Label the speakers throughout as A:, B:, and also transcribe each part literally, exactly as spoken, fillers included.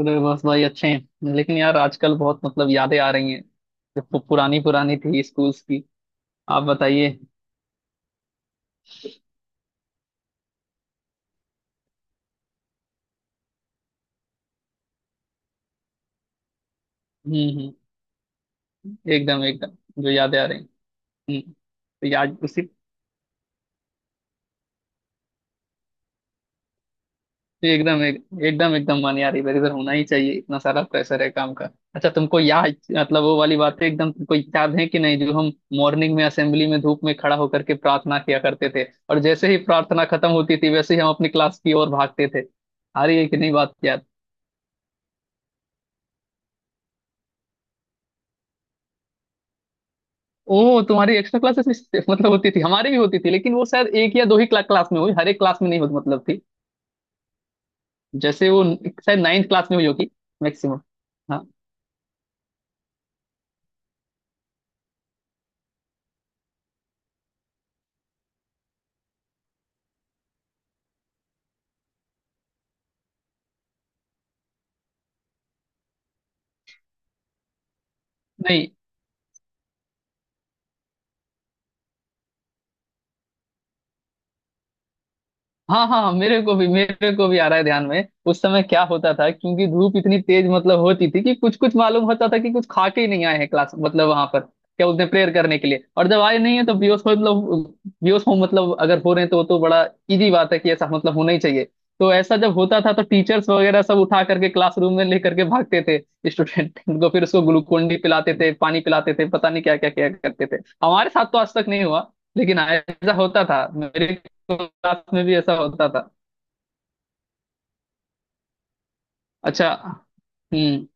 A: अरे बस भाई, अच्छे हैं। लेकिन यार आजकल बहुत मतलब यादें आ रही हैं, जो पु- पुरानी पुरानी थी स्कूल्स की। आप बताइए। हम्म। हम्म, एकदम एकदम, जो यादें आ रही हैं। हम्म, तो याद उसी। एकदम एक, एकदम एकदम मन यार इधर उधर होना ही चाहिए। इतना सारा प्रेशर है काम का। अच्छा, तुमको याद मतलब वो वाली बातें एकदम तुमको याद है कि नहीं, जो हम मॉर्निंग में असेंबली में धूप में खड़ा होकर के प्रार्थना किया करते थे। और जैसे ही प्रार्थना खत्म होती थी, वैसे ही हम अपनी क्लास की ओर भागते थे। आ रही है कि नहीं बात याद? ओह, तुम्हारी एक्स्ट्रा क्लासेस भी मतलब होती थी, हमारे भी होती थी, लेकिन वो शायद एक या दो ही क्ला, क्लास में हुई। हर एक क्लास में नहीं होती मतलब थी। जैसे वो शायद नाइन्थ क्लास में हुई होगी, मैक्सिमम। हाँ। नहीं, हाँ, हाँ, मेरे को भी मेरे को भी आ रहा है ध्यान में, उस समय क्या होता था। क्योंकि धूप इतनी तेज मतलब होती थी कि कुछ कुछ मालूम होता था कि कुछ खा के ही नहीं आए हैं क्लास, मतलब वहां पर क्या बोलते हैं प्रेयर करने के लिए। और जब आए नहीं है तो बेहोश हो मतलब, बेहोश हो मतलब अगर हो रहे हैं तो वो तो बड़ा इजी बात है कि ऐसा मतलब होना ही चाहिए। तो ऐसा जब होता था तो टीचर्स वगैरह सब उठा करके क्लासरूम में लेकर के भागते थे स्टूडेंट को। फिर उसको ग्लूकोन डी पिलाते थे, पानी पिलाते थे, पता नहीं क्या क्या क्या करते थे। हमारे साथ तो आज तक नहीं हुआ, लेकिन हाँ, ऐसा होता था मेरे क्लास में भी, ऐसा होता था। अच्छा। हम्म।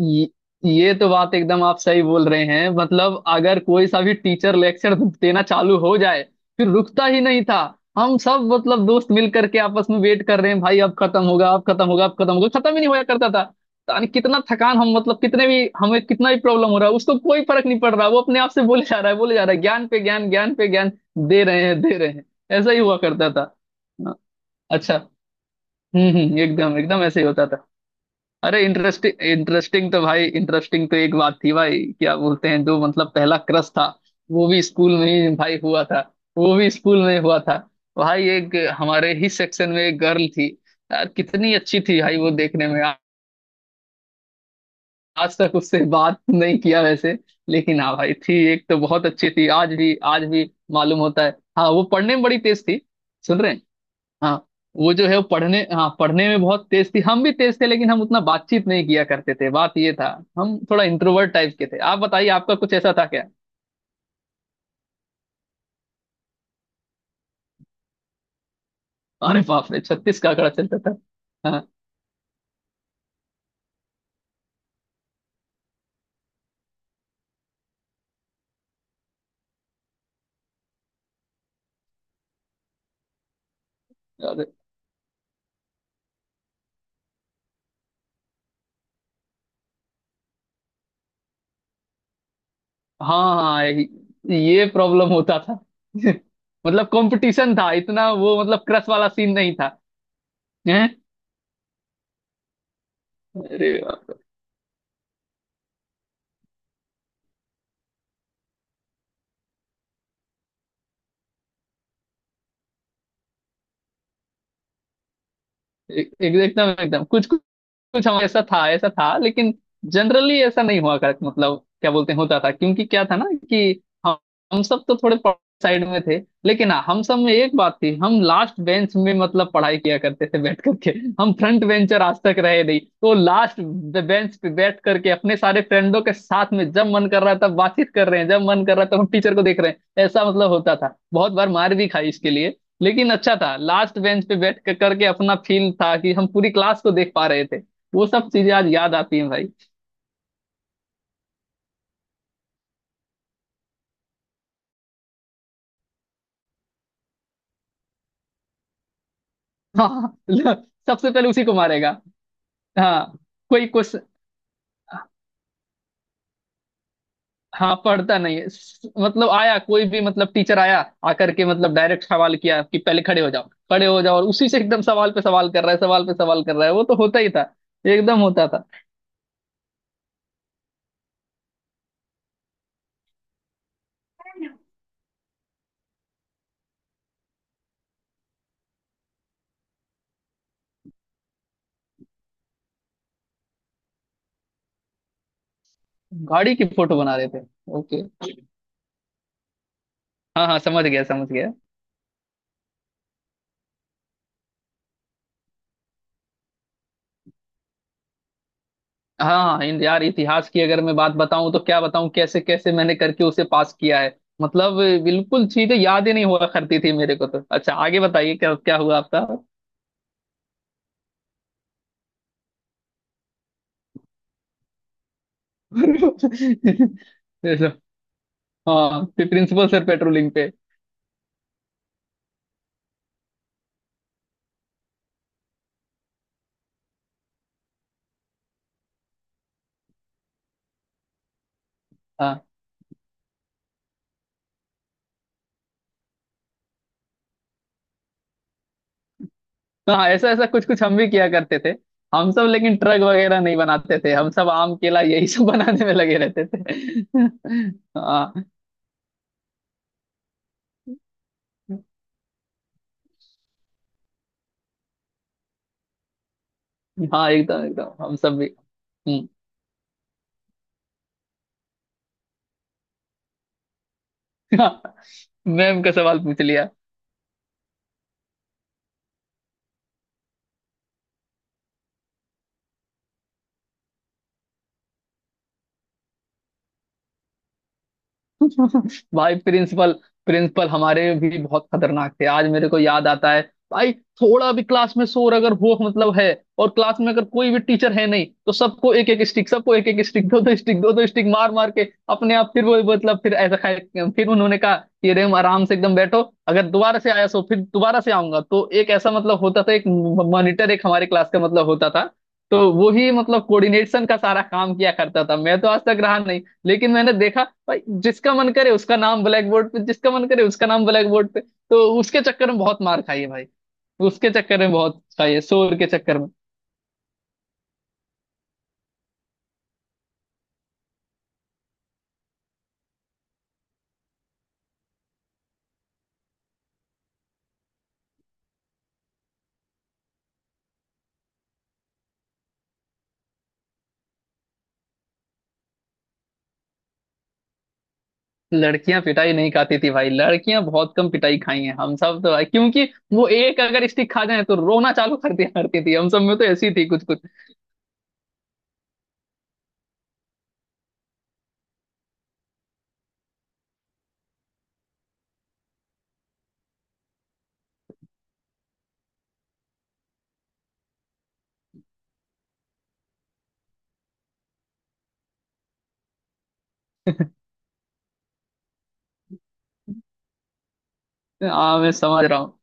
A: ये, ये तो बात एकदम आप सही बोल रहे हैं। मतलब अगर कोई सा भी टीचर लेक्चर देना चालू हो जाए, फिर रुकता ही नहीं था। हम सब मतलब दोस्त मिल करके आपस में वेट कर रहे हैं, भाई अब खत्म होगा, अब खत्म होगा, अब खत्म होगा। खत्म ही नहीं होया करता था। यानी कितना थकान, हम मतलब कितने भी, हमें कितना भी प्रॉब्लम हो रहा है उसको कोई फर्क नहीं पड़ रहा, वो अपने आप से बोले जा रहा है, बोले जा रहा है, ज्ञान पे ज्ञान, ज्ञान पे ज्ञान दे रहे हैं, दे रहे हैं। ऐसा ही हुआ करता था। अच्छा। हम्म, हम्म, एकदम एकदम ऐसे ही होता था। अरे इंटरेस्टिंग इंटरेस्टिंग तो भाई, इंटरेस्टिंग तो एक बात थी भाई, क्या बोलते हैं, जो मतलब पहला क्रश था वो भी स्कूल में ही भाई हुआ था। वो भी स्कूल में हुआ था। भाई, एक हमारे ही सेक्शन में एक गर्ल थी। यार कितनी अच्छी थी भाई, वो देखने में आ- आज तक उससे बात नहीं किया वैसे, लेकिन हाँ भाई, थी एक, तो बहुत अच्छी थी। आज भी, आज भी मालूम होता है। हाँ, वो पढ़ने में बड़ी तेज थी। सुन रहे हैं? हाँ। वो जो है वो पढ़ने, हाँ पढ़ने में बहुत तेज थी। हम भी तेज थे, लेकिन हम उतना बातचीत नहीं किया करते थे, बात ये था। हम थोड़ा इंट्रोवर्ट टाइप के थे। आप बताइए, आपका कुछ ऐसा था क्या? अरे बाप रे, छत्तीस का आंकड़ा चलता था? हाँ। अरे। हाँ, हाँ, ये प्रॉब्लम होता था मतलब कंपटीशन था इतना, वो मतलब क्रश वाला सीन नहीं था। हैं। अरे बाप रे, एक- एकदम एकदम कुछ कुछ हम, ऐसा था, ऐसा था। लेकिन जनरली ऐसा नहीं हुआ कर मतलब, क्या बोलते हैं, होता था। क्योंकि क्या था ना कि हम हम सब तो थोड़े साइड में थे। लेकिन हाँ, हम सब में एक बात थी, हम लास्ट बेंच में मतलब पढ़ाई किया करते थे बैठ करके। हम फ्रंट बेंचर आज तक रहे नहीं, तो लास्ट बेंच पे बैठ करके अपने सारे फ्रेंडों के साथ में जब मन कर रहा था बातचीत कर रहे हैं, जब मन कर रहा था हम टीचर को देख रहे हैं, ऐसा मतलब होता था। बहुत बार मार भी खाई इसके लिए, लेकिन अच्छा था। लास्ट बेंच पे बैठ कर करके अपना फील था कि हम पूरी क्लास को देख पा रहे थे। वो सब चीजें आज याद आती हैं भाई। हाँ सबसे पहले उसी को मारेगा। हाँ। कोई कुछ। हाँ, पढ़ता नहीं है स- मतलब आया कोई भी, मतलब टीचर आया, आकर के मतलब डायरेक्ट सवाल किया कि पहले खड़े हो जाओ, खड़े हो जाओ, और उसी से एकदम सवाल पे सवाल कर रहा है, सवाल पे सवाल कर रहा है, वो तो होता ही था। एकदम होता था। गाड़ी की फोटो बना रहे थे? ओके। हाँ हाँ, समझ गया, समझ गया। हाँ इन- यार, इतिहास की अगर मैं बात बताऊं तो क्या बताऊं, कैसे कैसे मैंने करके उसे पास किया है। मतलब बिल्कुल चीजें याद ही नहीं हुआ करती थी मेरे को। तो अच्छा, आगे बताइए क्या क्या हुआ आपका। ऐसा, हाँ, फिर प्रिंसिपल सर पेट्रोलिंग पे। हाँ तो हाँ, ऐसा ऐसा कुछ कुछ हम भी किया करते थे। हम सब लेकिन ट्रक वगैरह नहीं बनाते थे, हम सब आम केला यही सब बनाने में लगे रहते थे। हाँ हाँ, एकदम एकदम हम सब भी। हम्म। मैम का सवाल पूछ लिया। भाई प्रिंसिपल, प्रिंसिपल हमारे भी बहुत खतरनाक थे आज मेरे को याद आता है भाई। थोड़ा भी क्लास में शोर अगर हो मतलब है, और क्लास में अगर कोई भी टीचर है नहीं, तो सबको एक एक स्टिक, सबको एक एक स्टिक, दो दो स्टिक, दो दो स्टिक मार मार के अपने आप फिर वो मतलब, फिर ऐसा खाए फिर उन्होंने कहा कि रेम आराम से एकदम बैठो। अगर दोबारा से आया सो फिर दोबारा से आऊंगा। तो एक ऐसा मतलब होता था, एक मॉनिटर एक हमारे क्लास का मतलब होता था। तो वो ही मतलब कोऑर्डिनेशन का सारा काम किया करता था। मैं तो आज तक रहा नहीं, लेकिन मैंने देखा भाई, जिसका मन करे उसका नाम ब्लैक बोर्ड पे, जिसका मन करे उसका नाम ब्लैक बोर्ड पे। तो उसके चक्कर में बहुत मार खाई है भाई, उसके चक्कर में बहुत खाई है, शोर के चक्कर में। लड़कियां पिटाई नहीं खाती थी भाई, लड़कियां बहुत कम पिटाई खाई हैं हम सब तो भाई, क्योंकि वो एक अगर स्टिक खा जाए तो रोना चालू कर दिया करती थी। हम सब में तो ऐसी थी कुछ कुछ। हाँ मैं समझ रहा हूँ,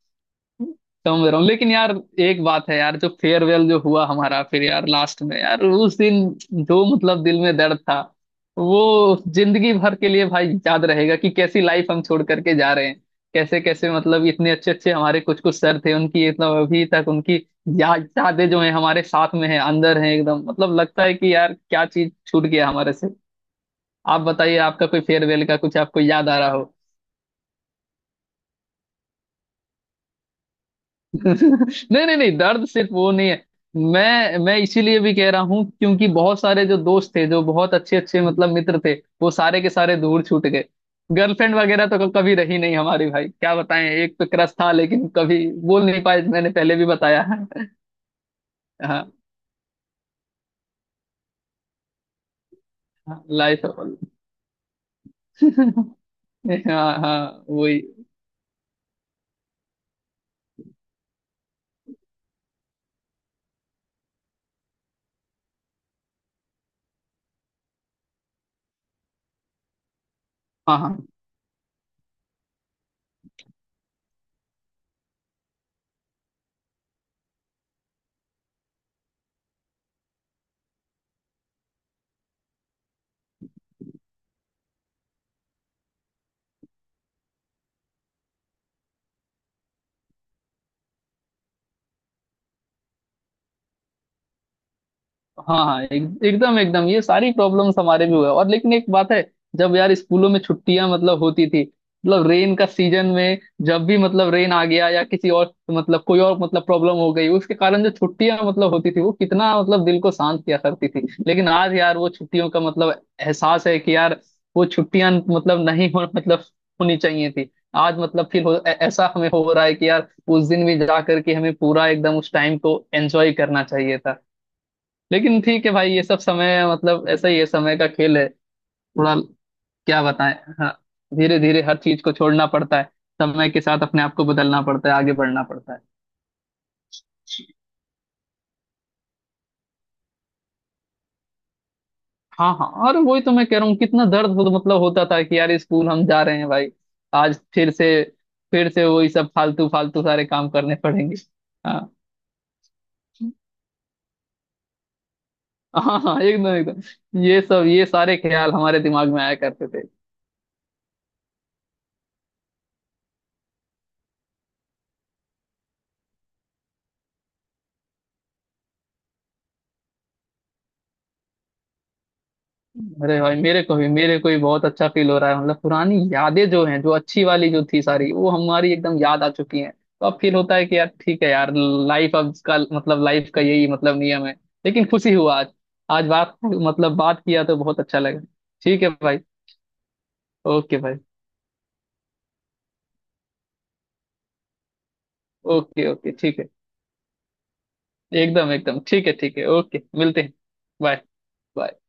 A: समझ रहा हूँ। लेकिन यार एक बात है यार, जो फेयरवेल जो हुआ हमारा फिर यार लास्ट में यार, उस दिन जो मतलब दिल में दर्द था वो जिंदगी भर के लिए भाई याद रहेगा, कि कैसी लाइफ हम छोड़ करके जा रहे हैं। कैसे कैसे मतलब इतने अच्छे अच्छे हमारे कुछ कुछ सर थे उनकी मतलब अभी तक उनकी याद, यादें जो है हमारे साथ में है, अंदर है एकदम, मतलब लगता है कि यार क्या चीज छूट गया हमारे से। आप बताइए, आपका कोई फेयरवेल का कुछ आपको याद आ रहा हो? नहीं नहीं नहीं, दर्द सिर्फ वो नहीं है। मैं मैं इसीलिए भी कह रहा हूँ क्योंकि बहुत सारे जो दोस्त थे जो बहुत अच्छे अच्छे मतलब मित्र थे, वो सारे के सारे दूर छूट गए। गर्लफ्रेंड वगैरह तो क- कभी रही नहीं हमारी भाई, क्या बताएं, एक तो क्रश था लेकिन कभी बोल नहीं पाए, मैंने पहले भी बताया है। हाँ, लाइफ हाँ। life of all. हाँ हाँ, वही। हाँ हाँ, हाँ, हाँ एक, एकदम एकदम ये सारी प्रॉब्लम्स हमारे भी हुआ, और लेकिन एक बात है, जब यार स्कूलों में छुट्टियां मतलब होती थी, मतलब रेन का सीजन में, जब भी मतलब रेन आ गया या किसी और मतलब कोई और मतलब प्रॉब्लम हो गई उसके कारण जो छुट्टियां मतलब होती थी, वो कितना मतलब दिल को शांत किया करती थी। लेकिन आज यार वो छुट्टियों का मतलब एहसास है कि यार वो छुट्टियां मतलब नहीं हो मतलब होनी चाहिए थी। आज मतलब फील हो ऐ- ऐसा हमें हो रहा है कि यार उस दिन भी जा करके हमें पूरा एकदम उस टाइम को एंजॉय करना चाहिए था। लेकिन ठीक है भाई, ये सब समय मतलब ऐसा ही है, समय का खेल है। थोड़ा, क्या बताएं। हाँ, धीरे धीरे हर चीज को छोड़ना पड़ता है, समय के साथ अपने आप को बदलना पड़ता है, आगे बढ़ना पड़ता है। हाँ हाँ, और वही तो मैं कह रहा हूँ, कितना दर्द हो, मतलब होता था कि यार स्कूल हम जा रहे हैं भाई, आज फिर से, फिर से वही सब फालतू फालतू सारे काम करने पड़ेंगे। हाँ। हाँ हाँ, एकदम एकदम ये सब, ये सारे ख्याल हमारे दिमाग में आया करते थे। अरे भाई, मेरे को भी, मेरे को भी बहुत अच्छा फील हो रहा है, मतलब पुरानी यादें जो हैं, जो अच्छी वाली जो थी सारी, वो हमारी एकदम याद आ चुकी हैं। तो अब फील होता है कि यार ठीक है यार, लाइफ अब का मतलब लाइफ का यही मतलब नियम है। लेकिन खुशी हुआ आज, आज बात मतलब बात किया तो बहुत अच्छा लगा। ठीक है भाई। ओके भाई। ओके ओके ठीक है, एकदम एकदम ठीक है ठीक है ओके, मिलते हैं। बाय। बाय।